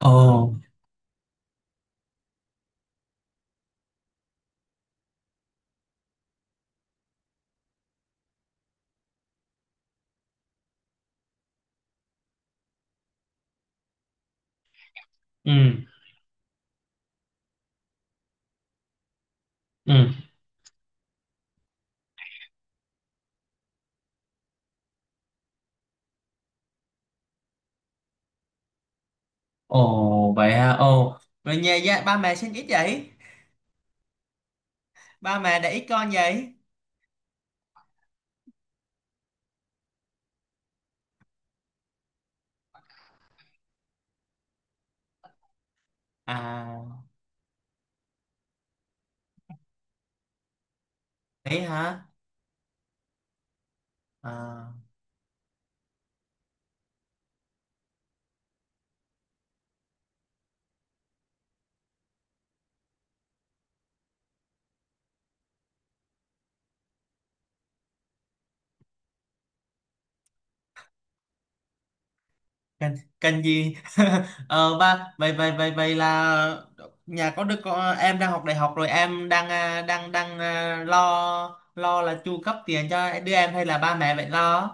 Ồ, ừ, ừ, ồ vậy ha, ồ. Rồi ba mẹ sinh ít vậy? Ba mẹ để ít con vậy? À, ấy hả? À, cần gì? ờ, ba, vậy, vậy, vậy, vậy là nhà có đứa con, em đang học đại học rồi em đang lo là chu cấp tiền cho đứa em hay là ba mẹ vậy lo?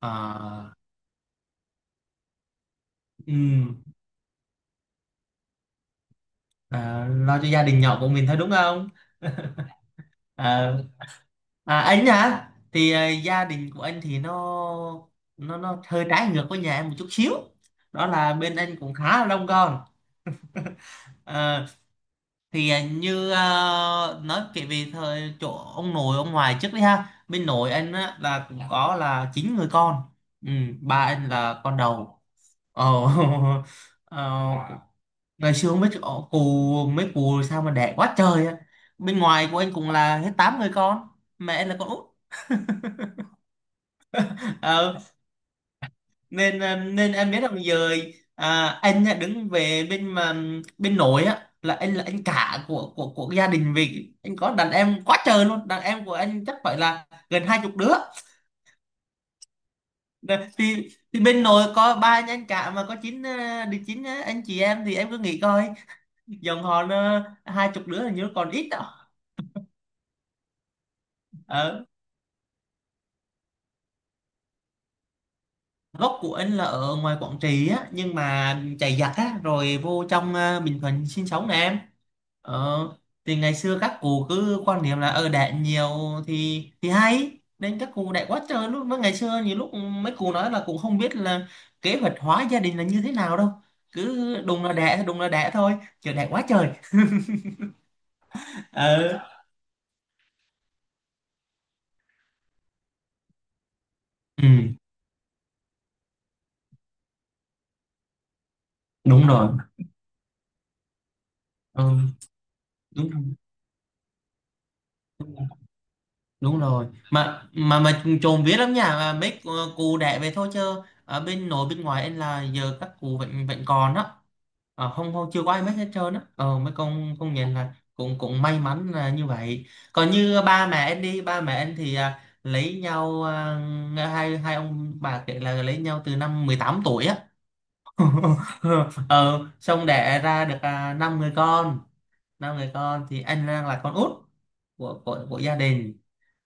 À, ừ, lo cho gia đình nhỏ của mình thôi đúng không? Ờ. À, anh hả? Thì gia đình của anh thì nó hơi trái ngược với nhà em một chút xíu. Đó là bên anh cũng khá là đông con. Ờ, thì như kể về thời chỗ ông nội ông ngoại trước đi ha. Bên nội anh á, là cũng có là chín người con. Ừ, ba anh là con đầu. Ồ. ờ, Ngày xưa không biết chỗ- cụ mấy cụ sao mà đẻ quá trời á. Bên ngoài của anh cũng là hết tám người con. Mẹ anh là con út. Nên em biết rằng giờ anh á, đứng về bên mà bên nội á là anh cả của gia đình, vì anh có đàn em quá trời luôn, đàn em của anh chắc phải là gần 20 đứa. Nè, thì bên nội có ba anh cả mà có chín anh chị em, thì em cứ nghĩ coi, dòng họ nó 20 đứa là như còn ít đó. Ở gốc của anh là ở ngoài Quảng Trị á, nhưng mà chạy giặc á rồi vô trong Bình Thuận sinh sống nè em. Ờ, thì ngày xưa các cụ cứ quan niệm là ở đẻ nhiều thì hay, nên các cụ đẻ quá trời. Lúc mới ngày xưa nhiều lúc mấy cụ nói là cũng không biết là kế hoạch hóa gia đình là như thế nào đâu, cứ đùng là đẻ, đùng là đẻ thôi, chờ đẻ quá trời. ờ ừ, đúng rồi, ừ, đúng rồi, đúng rồi, mà chồn vía lắm nha, mà mấy cụ đẻ về thôi, chứ ở bên nội bên ngoài em là giờ các cụ vẫn vẫn còn đó. Ờ, không, không chưa có ai mất hết trơn á. Ờ Mấy con nhìn là cũng cũng may mắn là như vậy. Còn như ba mẹ anh, đi ba mẹ anh thì lấy nhau, hai hai ông bà kể là lấy nhau từ năm 18 tuổi á. Ờ Xong đẻ ra được năm người con thì anh đang là con út của gia đình.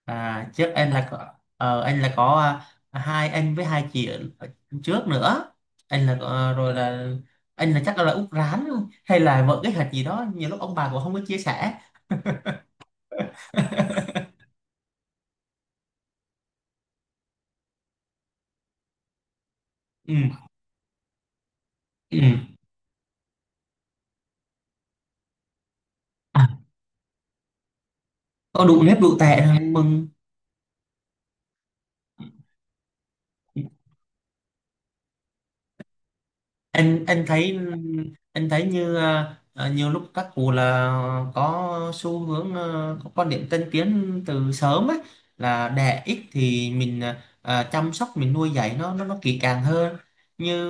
À, trước anh là có hai anh với hai chị ở ở trước nữa. Anh là có- ờ, Rồi là anh là chắc là út rán hay là vợ cái hạt gì đó, nhiều lúc ông bà cũng không có chia sẻ. Ừ, ừ. À, có đủ nếp đủ tệ rồi mừng. anh anh thấy anh thấy như nhiều lúc các cụ là có xu hướng, có quan điểm tân tiến từ sớm ấy, là đẻ ít thì mình chăm sóc, mình nuôi dạy nó nó kỹ càng hơn. như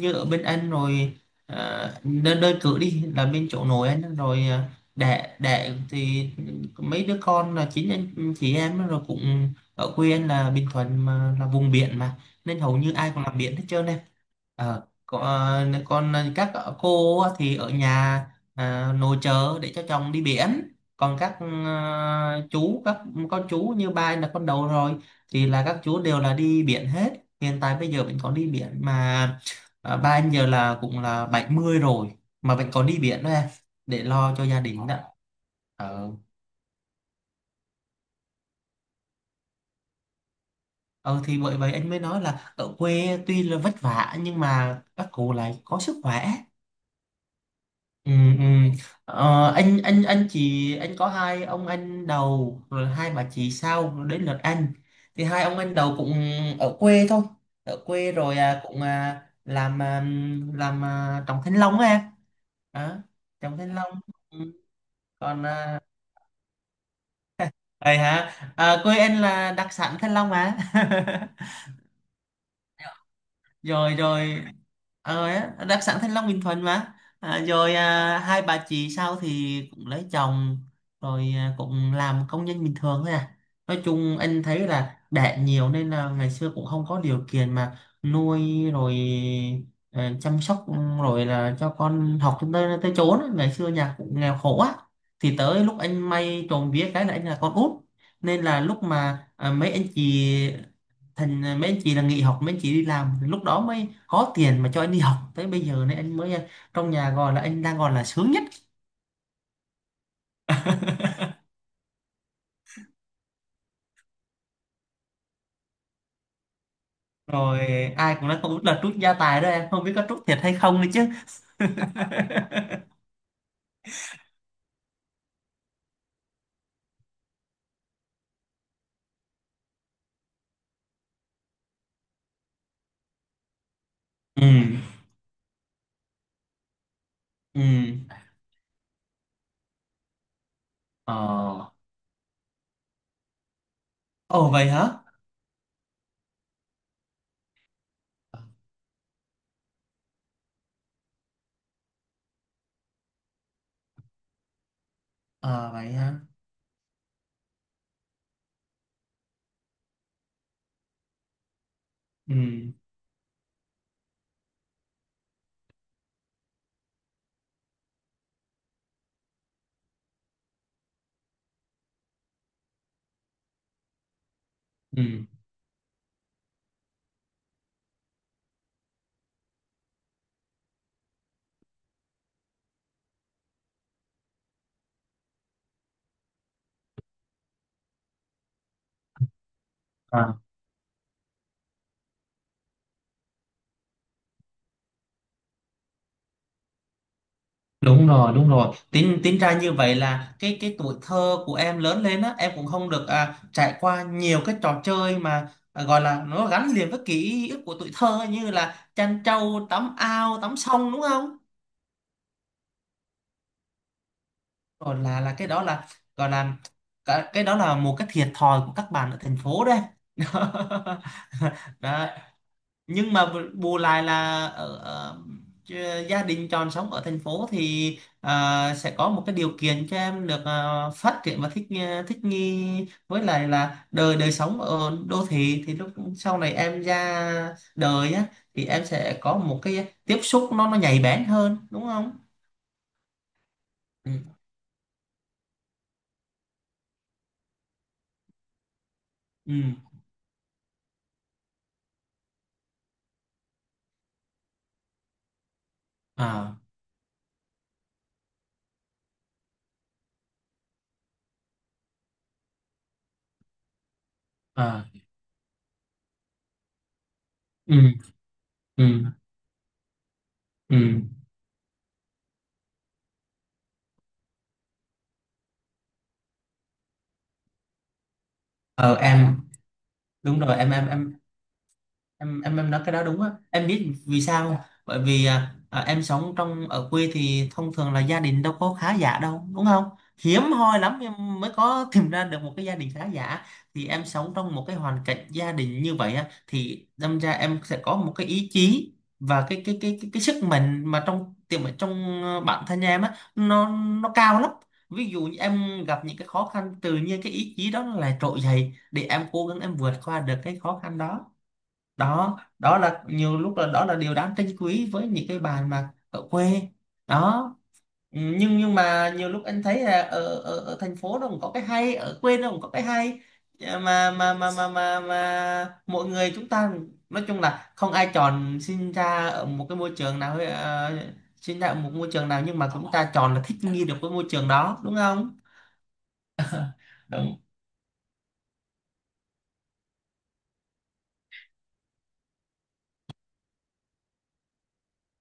như ở bên anh rồi, đơn đơn cử đi là bên chỗ nội anh ấy, rồi đẻ đẻ thì mấy đứa con là chính anh chị em ấy, rồi cũng ở quê anh là Bình Thuận mà là vùng biển mà. Nên hầu như ai cũng làm biển hết trơn em. Ờ, còn các cô á thì ở nhà, nội trợ để cho chồng đi biển. Còn các chú, các con chú như ba anh là con đầu rồi thì là các chú đều là đi biển hết. Hiện tại bây giờ vẫn còn đi biển mà. Ba anh giờ là cũng là 70 rồi mà vẫn còn đi biển đó em, để lo cho gia đình đó. ờ ờ thì bởi vậy anh mới nói là ở quê tuy là vất vả nhưng mà các cụ lại có sức khỏe. Ừ, ừ. Anh chị anh có hai ông anh đầu rồi hai bà chị sau, đến lượt anh thì hai ông anh đầu cũng ở quê thôi, ở quê rồi làm à, trồng thanh long á à, Trồng thanh long. Ừ. Còn ấy hả? Quê anh là đặc sản thanh long mà. Rồi, rồi. Đặc sản Thanh Long Bình Thuận mà. Rồi hai bà chị sau thì cũng lấy chồng, rồi cũng làm công nhân bình thường thôi à. Nói chung anh thấy là đẻ nhiều nên là ngày xưa cũng không có điều kiện mà nuôi, rồi chăm sóc, rồi là cho con học cho tới tới chốn á. Ngày xưa nhà cũng nghèo khổ á, thì tới lúc anh may, trộm vía cái là anh là con út, nên là lúc mà mấy anh chị, thành ra mấy anh chị là nghỉ học, mấy anh chị đi làm, lúc đó mới có tiền mà cho anh đi học tới bây giờ này anh mới, trong nhà gọi là anh đang gọi là sướng nhất. Rồi, ai cũng nói không biết là trút gia tài đó em, không biết có trút thiệt hay không nữa chứ. Ừ, ừ. Ờ. Ồ vậy hả. Ờ vậy hả. Ừ, ừ. À. Đúng rồi, đúng rồi. Tính tính ra như vậy là cái tuổi thơ của em lớn lên á, em cũng không được trải qua nhiều cái trò chơi mà gọi là nó gắn liền với ký ức của tuổi thơ như là chăn trâu, tắm ao, tắm sông đúng không? Rồi là cái đó là gọi là cái đó là một cái thiệt thòi của các bạn ở thành phố đấy. Đó. Nhưng mà bù lại là ở chứ gia đình chọn sống ở thành phố thì sẽ có một cái điều kiện cho em được phát triển và thích nghi với lại là đời đời sống ở đô thị, thì lúc sau này em ra đời á thì em sẽ có một cái tiếp xúc nó nhạy bén hơn đúng không. Ừ, ừ. À, à. Ừ, ừ, ừ. Ờ, em đúng rồi. Em nói cái đó đúng á. Em biết vì sao không? Dạ. Bởi vì em sống ở quê thì thông thường là gia đình đâu có khá giả đâu đúng không. Hiếm hoi lắm em mới có tìm ra được một cái gia đình khá giả. Thì em sống trong một cái hoàn cảnh gia đình như vậy á thì đâm ra em sẽ có một cái ý chí và cái sức mạnh mà trong tiềm ở trong bản thân em á, nó cao lắm. Ví dụ như em gặp những cái khó khăn, tự nhiên cái ý chí đó nó lại trỗi dậy để em cố gắng, em vượt qua được cái khó khăn đó. Đó, đó là nhiều lúc, là đó là điều đáng trân quý với những cái bàn mà ở quê đó. Ừ, nhưng mà nhiều lúc anh thấy là ở thành phố nó cũng có cái hay, ở quê nó cũng có cái hay. À, mà mọi người chúng ta nói chung là không ai chọn sinh ra ở một cái môi trường nào, sinh ra ở một môi trường nào, nhưng mà chúng ta chọn là thích nghi được với môi trường đó đúng không. Đúng,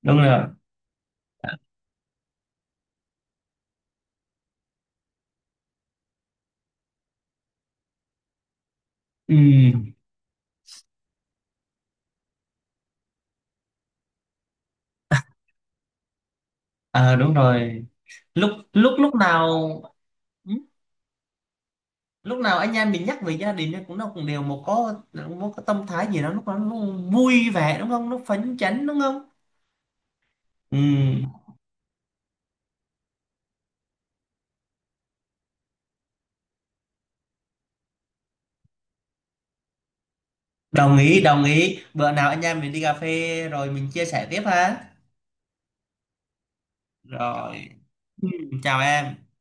đúng rồi. Ừ. Đúng rồi. Lúc lúc Lúc nào ừ, lúc nào anh em mình nhắc về gia đình ấy, cũng nó cũng đều một có một cái tâm thái gì đó, lúc đó nó vui vẻ đúng không, nó phấn chấn đúng không. Ừ, đồng ý, đồng ý. Bữa nào anh em mình đi cà phê rồi mình chia sẻ tiếp ha. Rồi, ừ, chào em.